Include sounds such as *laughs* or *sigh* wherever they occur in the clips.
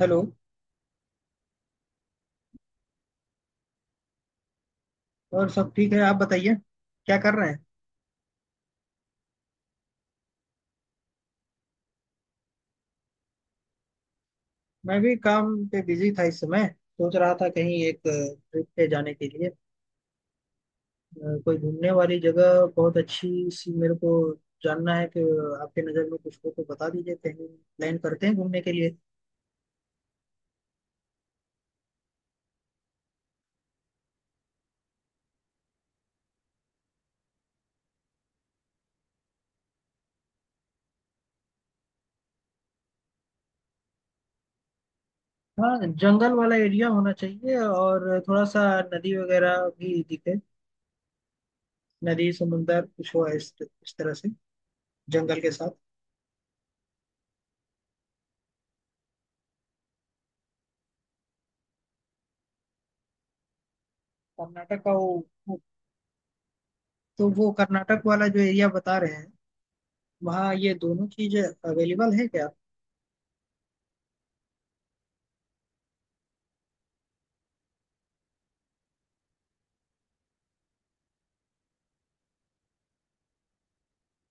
Hello. और सब ठीक है? आप बताइए, क्या कर रहे हैं? मैं भी काम पे बिजी था इस समय। सोच रहा था कहीं एक ट्रिप पे जाने के लिए कोई घूमने वाली जगह बहुत अच्छी सी मेरे को जानना है कि आपके नज़र में कुछ हो तो बता दीजिए, कहीं प्लान करते हैं घूमने के लिए। हाँ, जंगल वाला एरिया होना चाहिए और थोड़ा सा नदी वगैरह भी दिखे। नदी समुंदर कुछ हो इस तरह से जंगल के साथ। कर्नाटक का वो वो- तो वो कर्नाटक वाला जो एरिया बता रहे हैं, वहाँ ये दोनों चीजें अवेलेबल है क्या?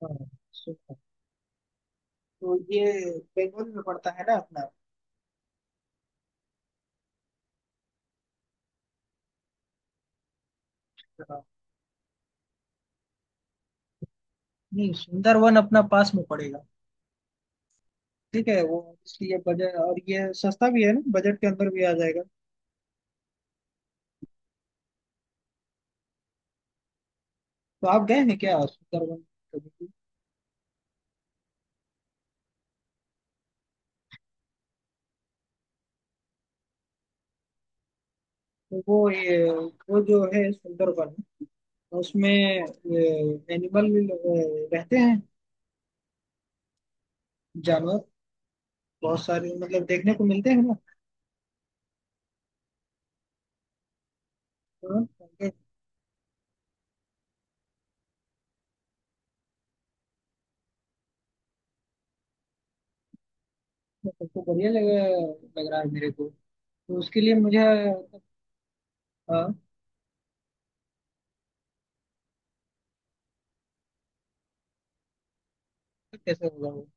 हाँ, सुंदर तो ये बंगाल में पड़ता है ना अपना? हाँ, नहीं सुंदरवन अपना पास में पड़ेगा। ठीक है वो, इसलिए बजट और ये सस्ता भी है ना, बजट के अंदर भी आ जाएगा। तो आप गए हैं क्या सुंदरवन कभी भी? तो वो ये वो जो है सुंदरवन उसमें एनिमल रहते हैं, जानवर बहुत सारे मतलब देखने को मिलते हैं ना? हाँ, तो सबको बढ़िया लग लग रहा है मेरे को। तो उसके लिए मुझे कैसे होगा वो?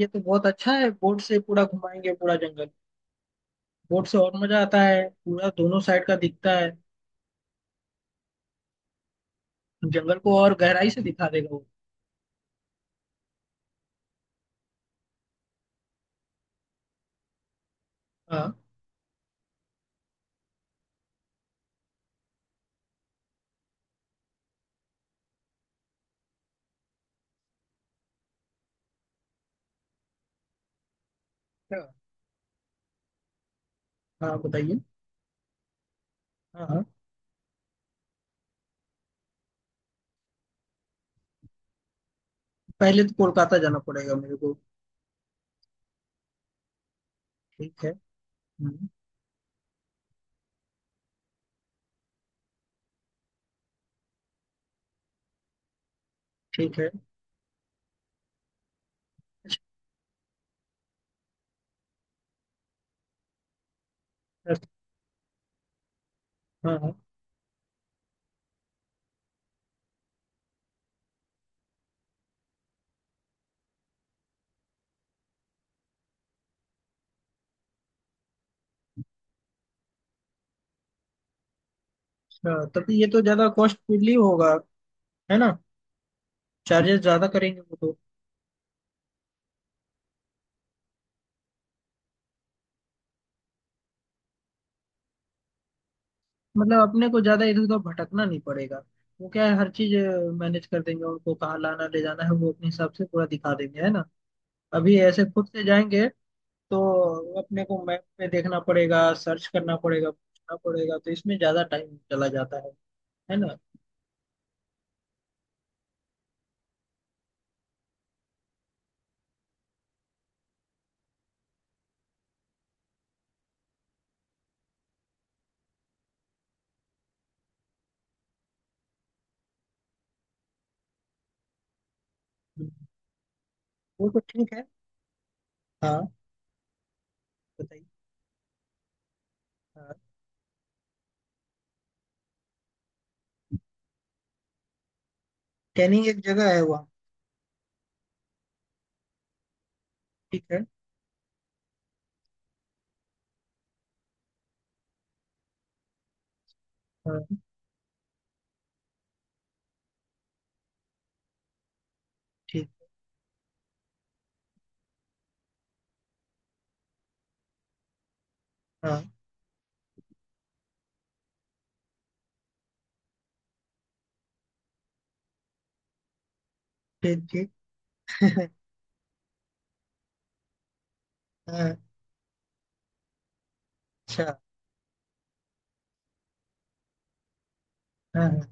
ये तो बहुत अच्छा है, बोट से पूरा घुमाएंगे पूरा जंगल। बोट से और मजा आता है, पूरा दोनों साइड का दिखता है। जंगल को और गहराई से दिखा देगा वो। हाँ। क्या? हाँ बताइए। हाँ हाँ। पहले तो कोलकाता जाना पड़ेगा मेरे को। ठीक है। हम्म। ठीक है। अच्छा। हाँ हाँ। अच्छा, तभी ये तो ज्यादा कॉस्टली होगा, है ना? चार्जेस ज्यादा करेंगे वो तो। मतलब अपने को ज्यादा इधर उधर भटकना नहीं पड़ेगा। वो क्या है, हर चीज मैनेज कर देंगे, उनको कहाँ लाना ले जाना है वो अपने हिसाब से पूरा दिखा देंगे, है ना? अभी ऐसे खुद से जाएंगे तो अपने को मैप पे देखना पड़ेगा, सर्च करना पड़ेगा, पूछना पड़ेगा, तो इसमें ज्यादा टाइम चला जाता है ना? वो तो ठीक है। हाँ बताइए। हाँ। कैनिंग एक जगह है वहाँ? ठीक है। हाँ। ठीक। हाँ। ठीक ठीक। *laughs* हाँ। अच्छा। हाँ हाँ।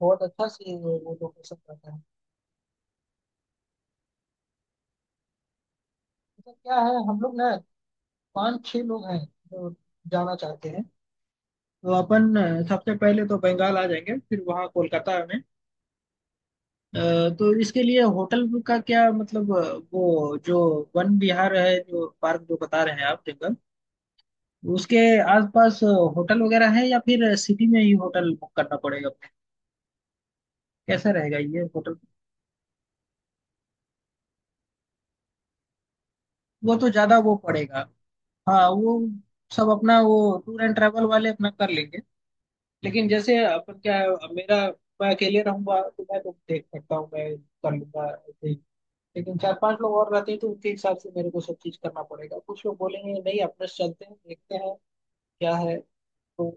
बहुत अच्छा सी वो लोकेशन रहता है। तो क्या है, हम लोग ना पाँच छह लोग हैं जो जाना चाहते हैं। तो अपन सबसे पहले तो बंगाल आ जाएंगे फिर वहाँ कोलकाता में अ, तो इसके लिए होटल का क्या मतलब वो जो वन विहार है जो पार्क जो बता रहे हैं आप जंगल उसके आसपास होटल वगैरह है या फिर सिटी में ही होटल बुक करना पड़ेगा? कैसा रहेगा ये होटल? वो तो ज्यादा वो पड़ेगा। हाँ वो सब अपना वो टूर एंड ट्रैवल वाले अपना कर लेंगे। लेकिन जैसे अपन क्या है, मेरा मैं अकेले रहूंगा तो मैं तो देख सकता हूँ, मैं कर लूंगा। लेकिन चार पांच लोग और रहते हैं तो उनके हिसाब से मेरे को सब चीज करना पड़ेगा, कुछ लोग बोलेंगे नहीं अपने से चलते हैं देखते हैं क्या है। तो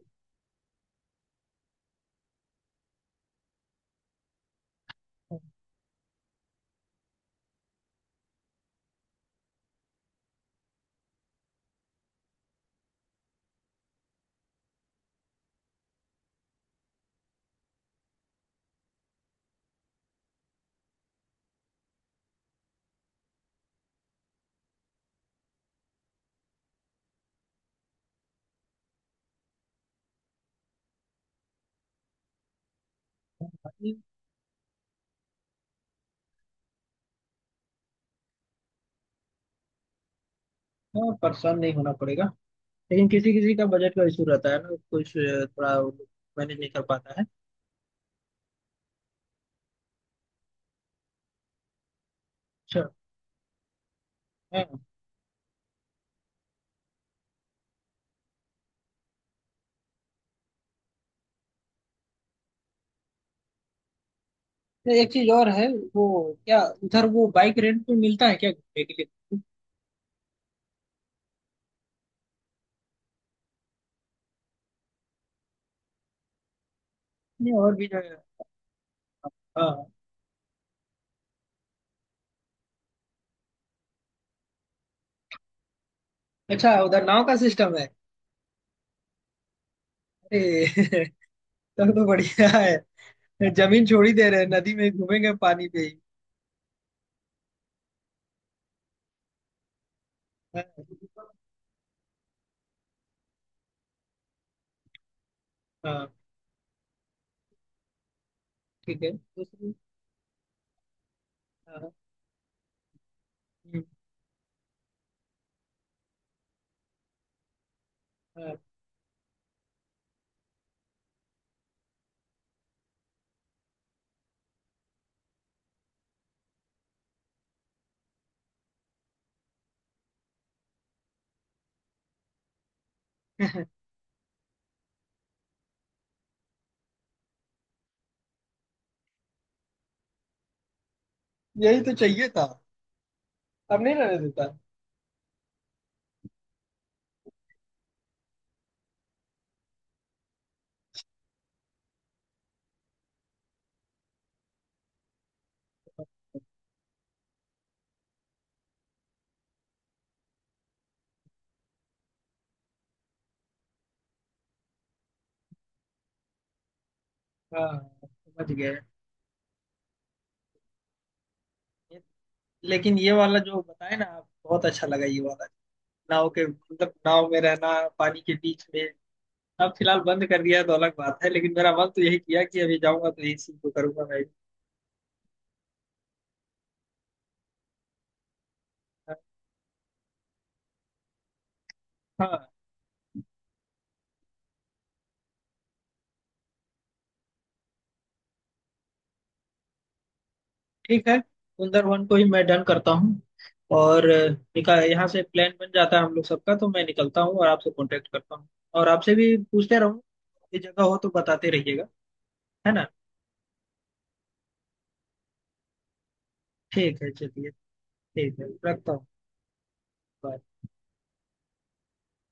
हाँ, परेशान नहीं होना पड़ेगा। लेकिन किसी किसी का बजट का इशू रहता है ना, कुछ थोड़ा मैनेज नहीं कर पाता है। अच्छा। हाँ। तो एक चीज और है वो, क्या उधर वो बाइक रेंट पे मिलता है क्या घूमने के लिए? नहीं और भी जगह है। हाँ। अच्छा, उधर नाव का सिस्टम है? अरे *laughs* तब तो बढ़िया है, जमीन छोड़ ही दे रहे हैं, नदी में ही घूमेंगे पानी पे ही। हाँ हाँ। ठीक है। उसमें हाँ। हम्म। हाँ। यही तो चाहिए था। अब नहीं रहने देता। हाँ, समझ गए। लेकिन ये वाला जो बताए ना आप, बहुत अच्छा लगा ये वाला। नाव के मतलब नाव में रहना पानी के बीच में। अब फिलहाल बंद कर दिया है तो अलग बात है, लेकिन मेरा मन तो यही किया कि अभी जाऊंगा तो यही सीन को करूंगा मैं। हाँ ठीक है। कुंदर वन को ही मैं डन करता हूँ। और निकाल यहाँ से प्लान बन जाता है हम लोग सबका, तो मैं निकलता हूँ और आपसे कांटेक्ट करता हूँ। और आपसे भी पूछते रहूँ, ये जगह हो तो बताते रहिएगा, है ना? ठीक है चलिए। ठीक है, रखता हूँ। Bye.